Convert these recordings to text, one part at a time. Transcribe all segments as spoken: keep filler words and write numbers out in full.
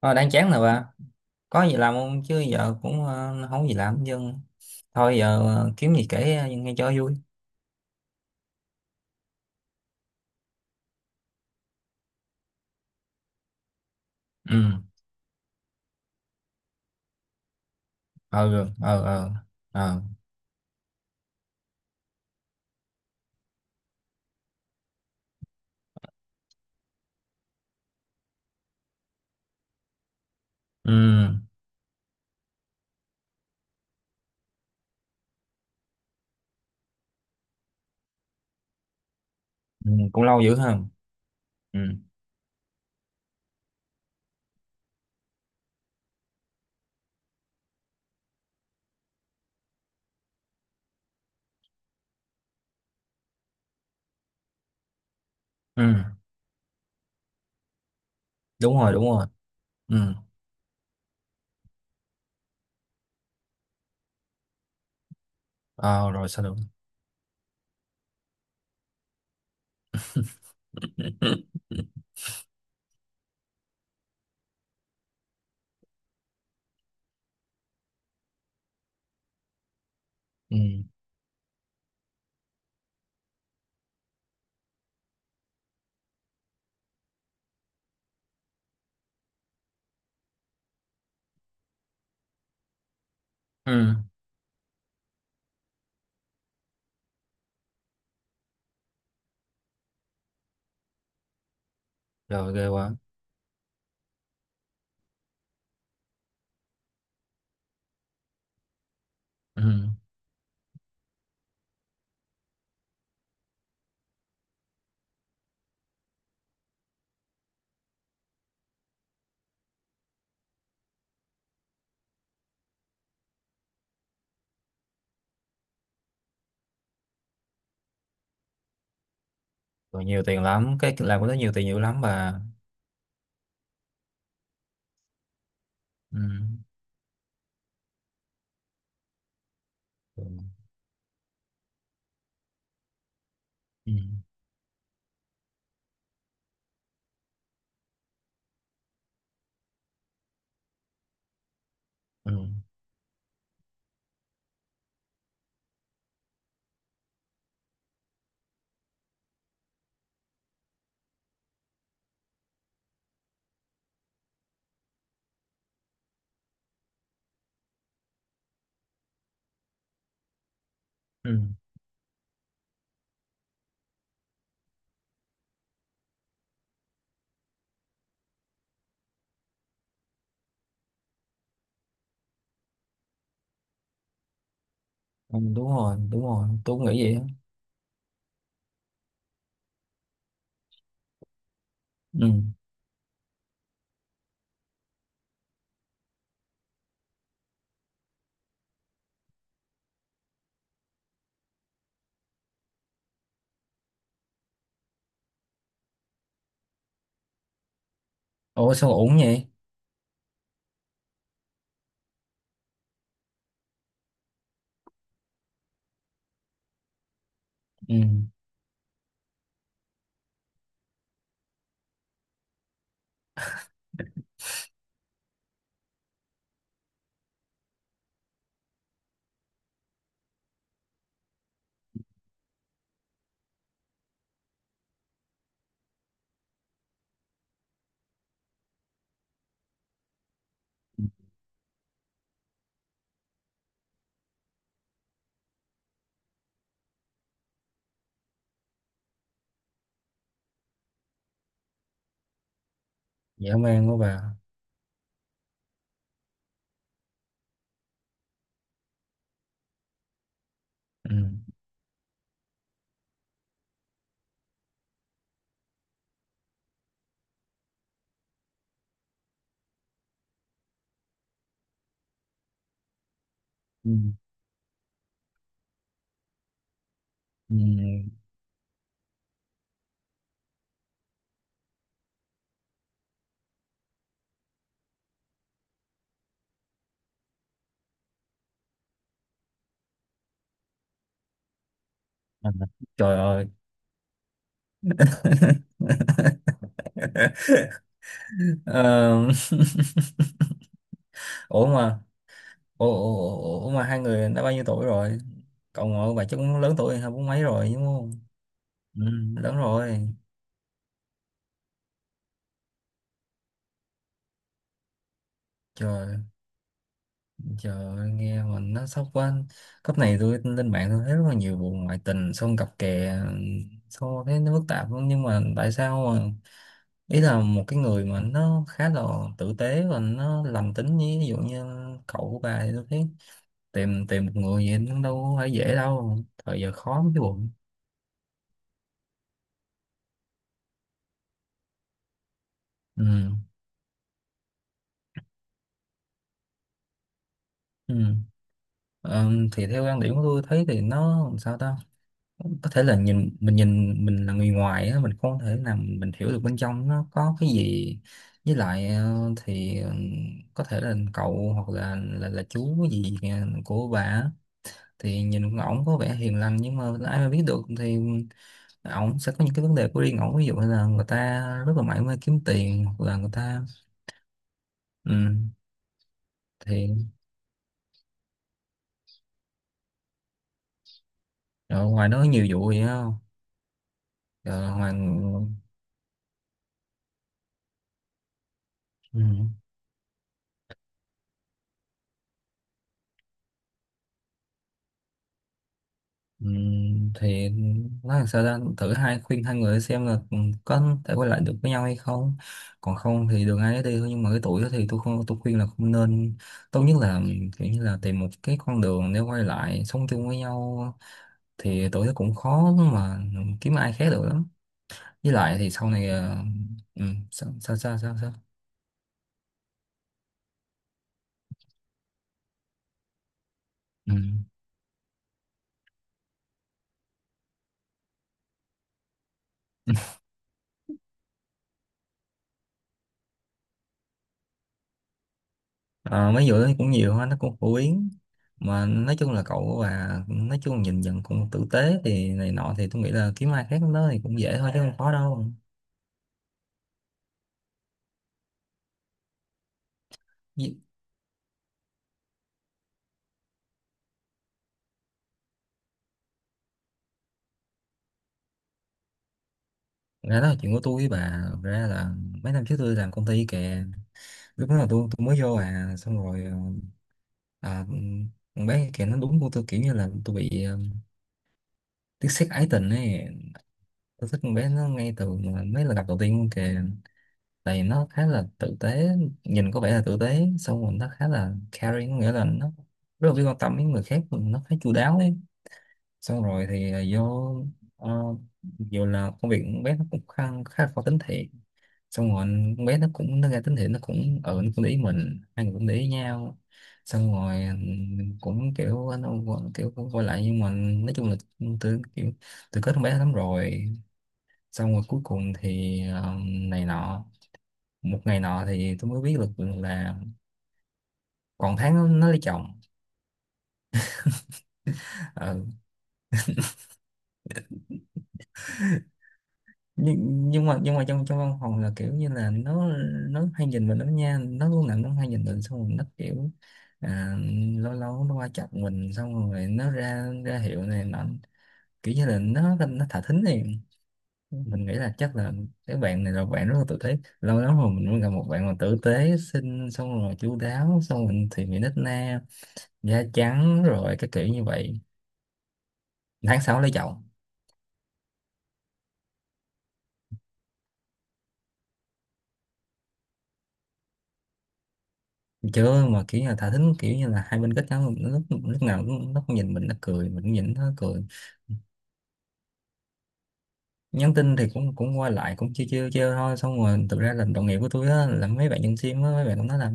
Ờ, đang chán rồi bà, có gì làm không chứ giờ cũng ờ, không có gì làm. Nhưng thôi giờ ờ, kiếm gì kể ờ, nghe cho vui. Ừ. Ờ, ừ, ờ, ờ. Ờ, ừ. Ừ, cũng lâu dữ ha. Ừ. Ừ, đúng rồi, đúng rồi. Ừ. Ờ, rồi sao được. Ừ. Ừ, rồi ghê quá. Ừ. Rồi, nhiều tiền lắm, cái làm của nó nhiều tiền, nhiều lắm bà. Ừ. Ừ. Ừ. Ừ. Ừ. Ừ, đúng rồi, đúng rồi, tôi cũng nghĩ vậy á. Ừ. Ủa sao ổn vậy? Ừ. Ừ. Dã man quá bà. Ừ. Ừ. Ừ. À, trời ơi. Ờ, ủa mà, ủa, ủa, ủa, ủa mà hai người đã bao nhiêu tuổi rồi? Cậu ngồi bà chắc cũng lớn tuổi, hai bốn mấy rồi đúng không? Ừ, lớn rồi. Trời. Trời ơi, nghe mình nó sốc quá. Cấp này tôi lên mạng tôi thấy rất là nhiều vụ ngoại tình, xong cặp kè, xong thấy nó phức tạp lắm. Nhưng mà tại sao mà ý là một cái người mà nó khá là tử tế và nó lành tính, như ví dụ như cậu của bà, thì tôi thấy tìm tìm một người gì nó đâu phải dễ đâu. Thời giờ khó mới cái bụng. Ừ. Ừ. Ờ, thì theo quan điểm của tôi thấy thì nó làm sao ta, có thể là nhìn mình nhìn mình là người ngoài á, mình không thể nào mình hiểu được bên trong nó có cái gì. Với lại ờ, thì ừ, có thể là cậu hoặc là là, là chú gì kìa của bà á, thì nhìn ổng có vẻ hiền lành, nhưng mà ai mà biết được thì ổng sẽ có những cái vấn đề của riêng ổng, ví dụ như là người ta rất là mải mê kiếm tiền hoặc là người ta. Ừ. Thì ở ngoài nó có nhiều vụ vậy không? Rồi ngoài. Ừ. Ừ. Thì nói làm sao ra thử hai khuyên hai người xem là ừ, có thể quay lại được với nhau hay không, còn không thì đường ai nấy đi thôi. Nhưng mà cái tuổi đó thì tôi không tôi khuyên là không nên, tốt nhất là kiểu như là tìm một cái con đường để quay lại sống chung với nhau, thì tuổi đó cũng khó mà kiếm ai khác được lắm. Với lại thì sau này ờ, ừ. Sao, sao, sao sao, sao? Ừ. Ờ, mấy vụ đó cũng nhiều ha, nó cũng phổ biến. Mà nói chung là cậu, và nói chung nhìn nhận cũng tử tế thì này nọ, thì tôi nghĩ là kiếm ai khác nó thì cũng dễ thôi chứ không khó đâu. Vì- Ra đó là chuyện của tôi với bà. Thật ra là mấy năm trước tôi làm công ty kìa, lúc đó là tôi tôi mới vô, à xong rồi ờ, à, con bé kìa nó đúng của tôi, kiểu như là tôi bị ờ, tiếc xét ái tình ấy. Tôi thích con bé nó ngay từ mà mấy lần gặp đầu tiên luôn kìa, tại vì nó khá là tử tế, nhìn có vẻ là tử tế, xong rồi nó khá là caring, có nghĩa là nó rất là biết quan tâm đến người khác, nó khá chu đáo ấy. Xong rồi thì à, vô uh, dù là công việc con bé nó cũng khá, khá là khó tính thiệt, xong rồi con bé nó cũng nó ra tính thiện, nó cũng ở ừ, nó cũng để ý mình, hai người cũng để ý nhau, xong rồi mình cũng kiểu nó kiểu cũng quay lại, nhưng mà nói chung là tôi kiểu tôi kết con bé lắm rồi. Xong rồi cuối cùng thì ờ, này nọ, một ngày nọ thì tôi mới biết được là còn tháng nó, nó lấy chồng. Ờ. nhưng, nhưng mà nhưng mà trong trong văn phòng là kiểu như là nó nó hay nhìn mình lắm nha, nó lúc nào nó hay nhìn mình, xong rồi nó kiểu à, lâu lâu nó qua chọc mình, xong rồi nó ra ra hiệu này nọ, kiểu như là nó nó thả thính này. Mình nghĩ là chắc là cái bạn này là bạn rất là tử tế, lâu lắm rồi mình mới gặp một bạn mà tử tế, xinh, xong rồi chu đáo, xong rồi thì mình nít na, da trắng rồi, cái kiểu như vậy. Tháng sáu lấy chồng. Chưa, mà kiểu như là thả thính, kiểu như là hai bên kết nhau, nó lúc lúc nào cũng, nó cũng nhìn mình nó cười, mình cũng nhìn nó cười. Nhắn tin thì cũng cũng qua lại, cũng chiêu chiêu chiêu thôi, xong rồi thực ra là đồng nghiệp của tôi á, là mấy bạn nhân sim á, mấy bạn cũng nói là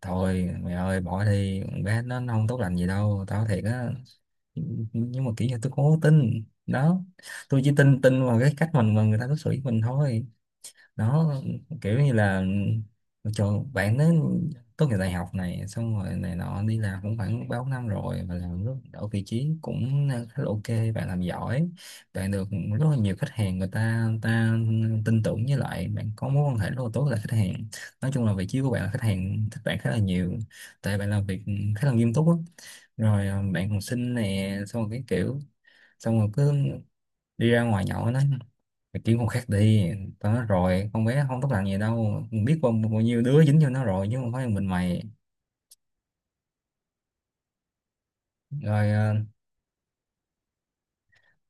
thôi mày ơi, bỏ thì bé nó, nó không tốt lành gì đâu, tao thiệt á. Nhưng mà kiểu như tôi không có tin đó, tôi chỉ tin tin vào cái cách mình mà người ta đối xử với mình thôi. Đó. Kiểu như là cho bạn đến tốt nghiệp đại học này, xong rồi này nọ, đi làm cũng khoảng ba bốn năm rồi, và làm rất ở vị trí cũng ờ, khá là ok, bạn làm giỏi, bạn được rất là nhiều khách hàng, người ta người ta tin tưởng, với lại bạn có mối quan hệ rất là tốt với lại khách hàng. Nói chung là vị trí của bạn là khách hàng thích bạn khá là nhiều, tại bạn làm việc khá là nghiêm túc á. Rồi ờ, bạn còn xinh nè, xong rồi cái kiểu, xong rồi cứ đi ra ngoài nhậu đó, mày kiếm con khác đi, tao nói rồi con bé không tốt lành gì đâu, mình biết bao, bao nhiêu đứa dính cho nó rồi chứ không phải mình mày. Rồi ờ,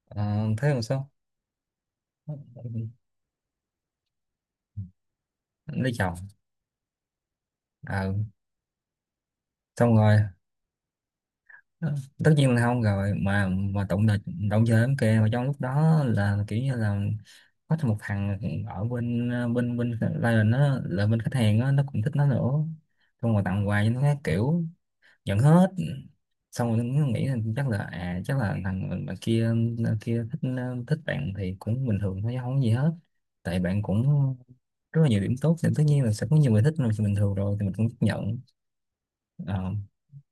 ờ, thế làm sao? Lấy chồng. Ờ, xong rồi tất nhiên là không rồi, mà mà tụng là động chơi lắm kìa, mà trong lúc đó là kiểu như là có thêm một thằng ở bên ờ, bên bên client, nó là bên khách hàng á, nó cũng thích nó nữa, xong rồi tặng quà cho nó các kiểu. Nhận hết. Xong rồi nó nghĩ là chắc là à chắc là thằng bạn bạn kia, à, kia thích à, thích bạn thì cũng bình thường thôi chứ không có gì hết. Tại bạn cũng rất là nhiều điểm tốt, thì tất nhiên là sẽ có nhiều người thích rồi, thì bình thường rồi thì mình cũng chấp nhận. Ờ,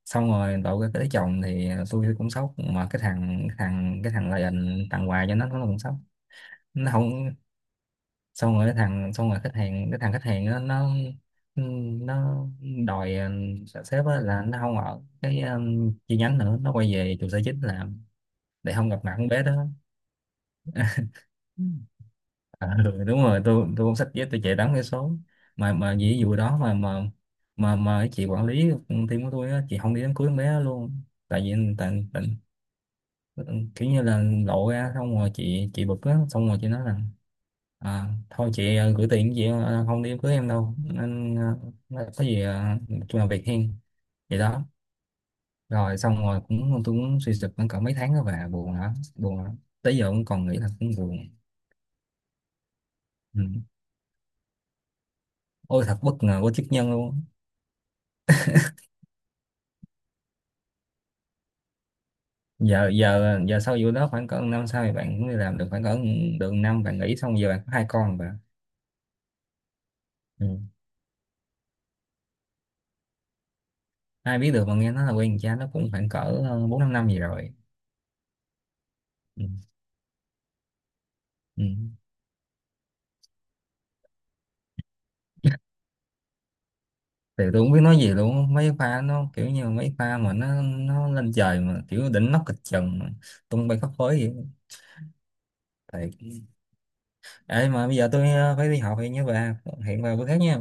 xong rồi đậu cái tới chồng thì tôi cũng sốc, mà cái thằng cái thằng cái thằng lại tặng quà cho nó nó cũng sốc. Nó không. Xong rồi cái thằng, xong rồi khách hàng, cái thằng khách hàng nó nó ừ, nó đòi ừ, sếp á là nó không ở cái ừ, chi nhánh nữa, nó quay về trụ sở chính làm để không gặp mặt con bé đó. Ừ. À, ừ, đúng rồi, tôi tôi cũng xách dép tôi chạy đón cái số, mà mà vì vụ đó mà mà mà mà cái chị quản lý team của tôi á, chị không đi đám cưới con bé đó luôn, tại vì tại, tại Ừ, kiểu như là lộ ra, xong rồi chị chị bực á, xong rồi chị nói là à, thôi chị ờ, gửi tiền, chị ờ, không đi đám cưới em đâu nên ờ, nói có gì ờ, chung là việc hiên. Vậy đó. Rồi xong rồi cũng tôi cũng suy sụp cũng cỡ mấy tháng đó, và buồn lắm, buồn lắm, tới giờ cũng còn nghĩ là cũng buồn. Ừ. Ôi thật bất ngờ của chức nhân luôn. Giờ giờ giờ sau vụ đó khoảng cỡ năm sau thì bạn cũng đi làm được khoảng cỡ được năm, bạn nghỉ, xong giờ bạn có hai con rồi bạn. Ừ. Ai biết được, mà nghe nói là quen cha nó cũng khoảng cỡ ờ, bốn năm năm gì rồi. Ừ. Ừ. Thì tôi không biết nói gì luôn, mấy pha nó kiểu như mấy pha mà nó nó lên trời, mà kiểu đỉnh nóc kịch trần mà tung bay khắp phới vậy. Thiệt. Ấy mà bây giờ tôi ờ, phải đi học, thì nhớ về hiện vào bữa khác nha.